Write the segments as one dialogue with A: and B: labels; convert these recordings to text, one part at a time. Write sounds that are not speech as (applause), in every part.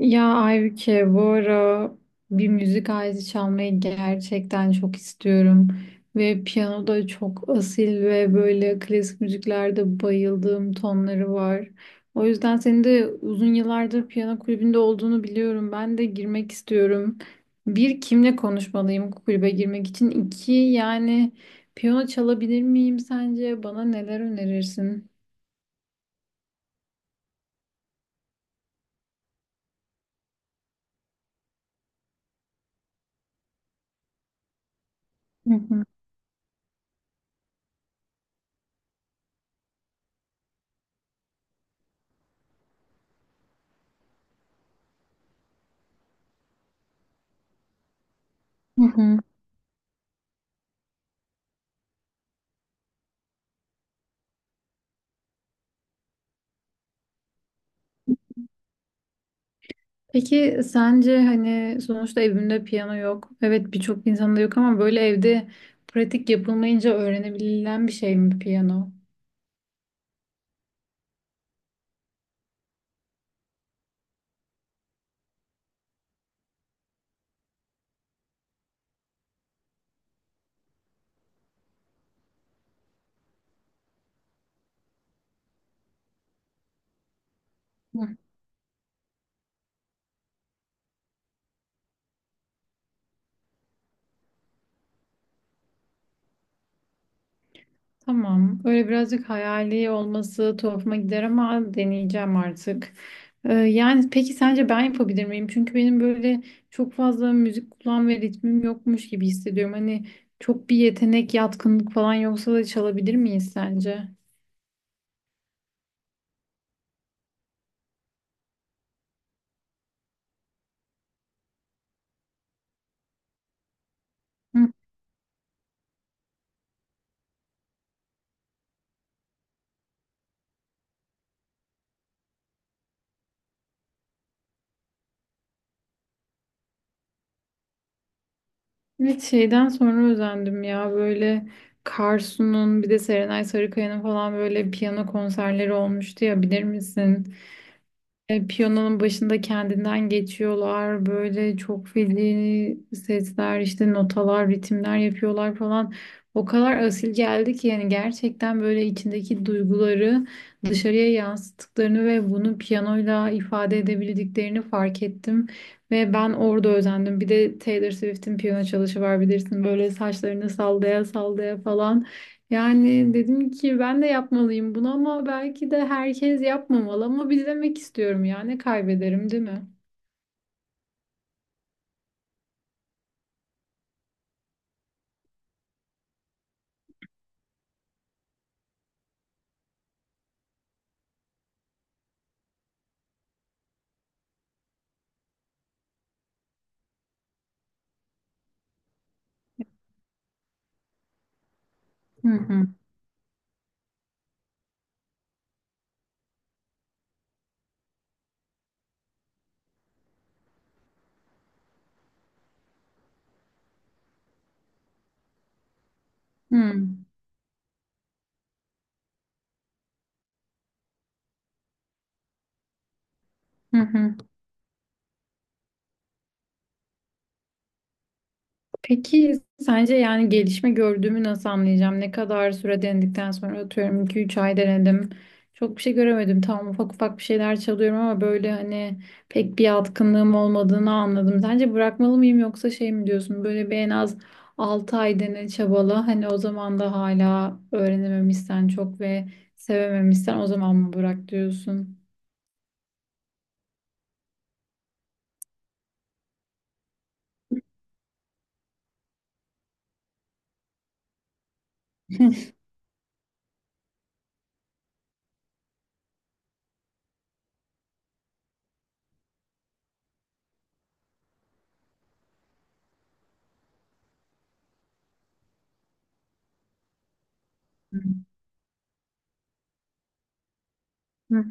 A: Ya Aybüke, bu ara bir müzik aleti çalmayı gerçekten çok istiyorum. Ve piyano da çok asil ve böyle klasik müziklerde bayıldığım tonları var. O yüzden senin de uzun yıllardır piyano kulübünde olduğunu biliyorum. Ben de girmek istiyorum. Bir, kimle konuşmalıyım kulübe girmek için? İki, yani piyano çalabilir miyim sence? Bana neler önerirsin? Hı hı. Hı hı. Peki sence hani sonuçta evimde piyano yok. Evet, birçok insanda yok ama böyle evde pratik yapılmayınca öğrenebilen bir şey mi piyano? Hı. Tamam. Öyle birazcık hayali olması tuhafıma gider ama deneyeceğim artık. Yani peki sence ben yapabilir miyim? Çünkü benim böyle çok fazla müzik kulağım ve ritmim yokmuş gibi hissediyorum. Hani çok bir yetenek, yatkınlık falan yoksa da çalabilir miyiz sence? Evet, şeyden sonra özendim ya, böyle Karsu'nun bir de Serenay Sarıkaya'nın falan böyle piyano konserleri olmuştu ya, bilir misin? Piyanonun başında kendinden geçiyorlar, böyle çok feci sesler işte, notalar, ritimler yapıyorlar falan, o kadar asil geldi ki yani gerçekten böyle içindeki duyguları dışarıya yansıttıklarını ve bunu piyanoyla ifade edebildiklerini fark ettim ve ben orada özendim. Bir de Taylor Swift'in piyano çalışı var, bilirsin, böyle saçlarını sallaya sallaya falan. Yani dedim ki ben de yapmalıyım bunu, ama belki de herkes yapmamalı ama bir demek istiyorum ya, ne kaybederim değil mi? Hı hı. Hı hı. Hı. Peki sence yani gelişme gördüğümü nasıl anlayacağım? Ne kadar süre denedikten sonra, atıyorum iki üç ay denedim. Çok bir şey göremedim. Tamam, ufak ufak bir şeyler çalıyorum ama böyle hani pek bir yatkınlığım olmadığını anladım. Sence bırakmalı mıyım, yoksa şey mi diyorsun? Böyle bir en az 6 ay dene, çabala. Hani o zaman da hala öğrenememişsen çok ve sevememişsen, o zaman mı bırak diyorsun? (laughs) Hı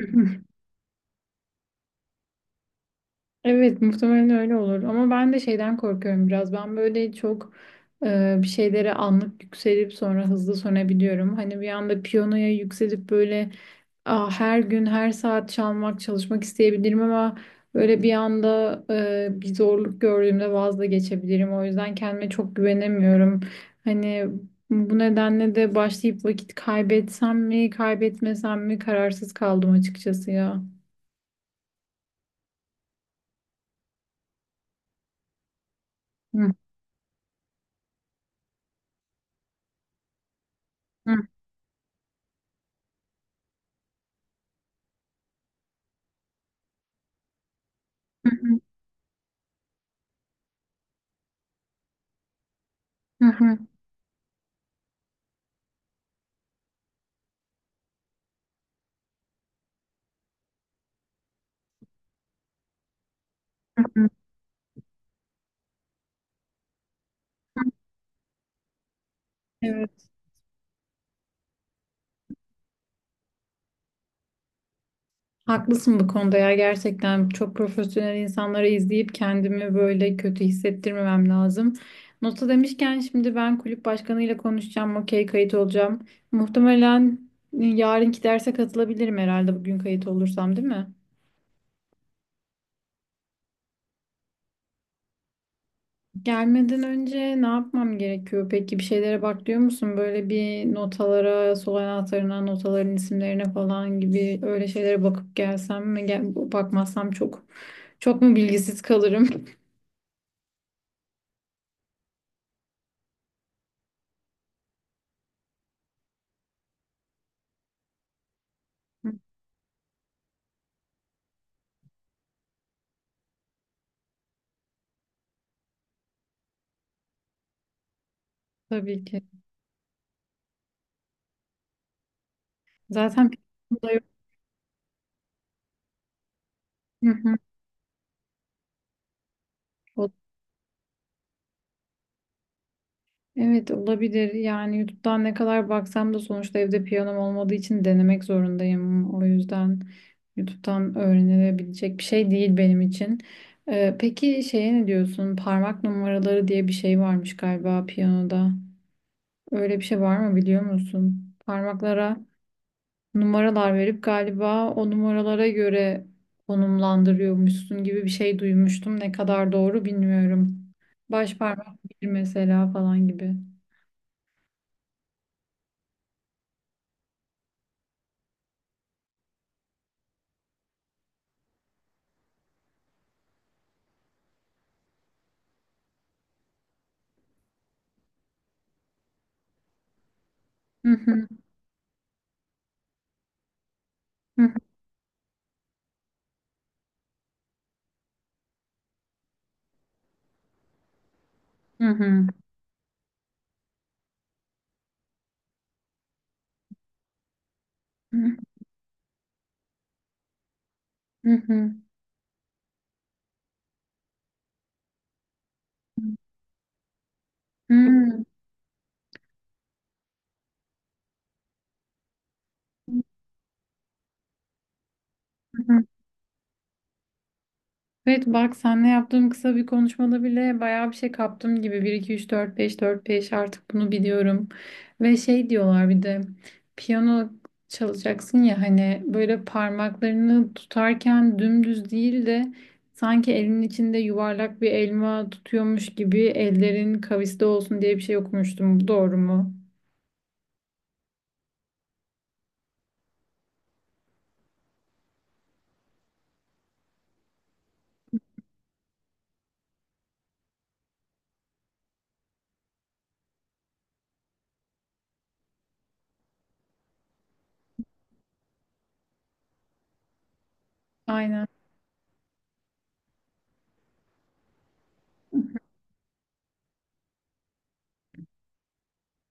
A: hı. Evet, muhtemelen öyle olur ama ben de şeyden korkuyorum biraz. Ben böyle çok bir şeylere anlık yükselip sonra hızlı sönebiliyorum. Hani bir anda piyanoya yükselip böyle, aa, her gün her saat çalmak, çalışmak isteyebilirim ama böyle bir anda bir zorluk gördüğümde vazgeçebilirim. O yüzden kendime çok güvenemiyorum, hani bu nedenle de başlayıp vakit kaybetsem mi, kaybetmesem mi, kararsız kaldım açıkçası ya. Hı hı, hı hı, hı hı. Evet, haklısın bu konuda ya. Gerçekten çok profesyonel insanları izleyip kendimi böyle kötü hissettirmemem lazım. Nota demişken, şimdi ben kulüp başkanıyla konuşacağım, okey, kayıt olacağım. Muhtemelen yarınki derse katılabilirim herhalde, bugün kayıt olursam, değil mi? Gelmeden önce ne yapmam gerekiyor? Peki bir şeylere bak diyor musun? Böyle bir notalara, sol anahtarına, notaların isimlerine falan gibi öyle şeylere bakıp gelsem mi? Bakmazsam çok mu bilgisiz kalırım? Hı. Tabii ki. Zaten piyano yok. Hı hı. O- Evet, olabilir. Yani YouTube'dan ne kadar baksam da sonuçta evde piyanom olmadığı için denemek zorundayım. O yüzden YouTube'dan öğrenilebilecek bir şey değil benim için. Peki şeye ne diyorsun? Parmak numaraları diye bir şey varmış galiba piyanoda. Öyle bir şey var mı, biliyor musun? Parmaklara numaralar verip galiba o numaralara göre konumlandırıyormuşsun gibi bir şey duymuştum. Ne kadar doğru bilmiyorum. Baş parmak bir mesela falan gibi. Hı hı, hı hı, hı hı, hı hı, hı hı, hı hı. Evet bak, seninle yaptığım kısa bir konuşmada bile bayağı bir şey kaptım gibi. Bir, iki, üç, dört, beş, dört, beş, artık bunu biliyorum. Ve şey diyorlar bir de, piyano çalacaksın ya, hani böyle parmaklarını tutarken dümdüz değil de sanki elinin içinde yuvarlak bir elma tutuyormuş gibi ellerin kaviste olsun diye bir şey okumuştum. Bu doğru mu? Aynen.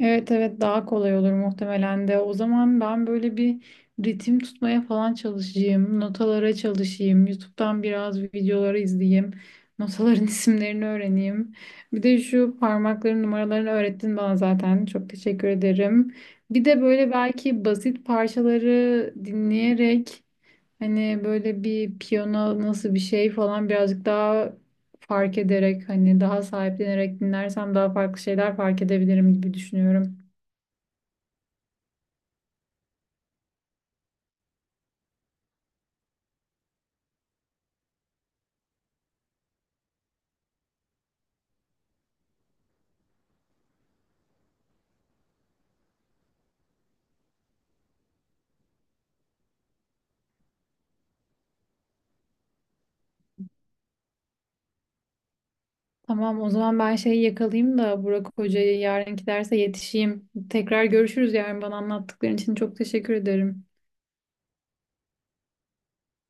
A: Evet evet, daha kolay olur muhtemelen de. O zaman ben böyle bir ritim tutmaya falan çalışayım. Notalara çalışayım. YouTube'dan biraz videoları izleyeyim. Notaların (laughs) isimlerini öğreneyim. Bir de şu parmakların numaralarını öğrettin bana zaten. Çok teşekkür ederim. Bir de böyle belki basit parçaları dinleyerek, hani böyle bir piyano nasıl bir şey falan birazcık daha fark ederek, hani daha sahiplenerek dinlersem daha farklı şeyler fark edebilirim gibi düşünüyorum. Tamam, o zaman ben şeyi yakalayayım da Burak Hoca'yı, yarınki derse yetişeyim. Tekrar görüşürüz yarın. Bana anlattıkların için çok teşekkür ederim.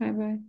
A: Bay bay.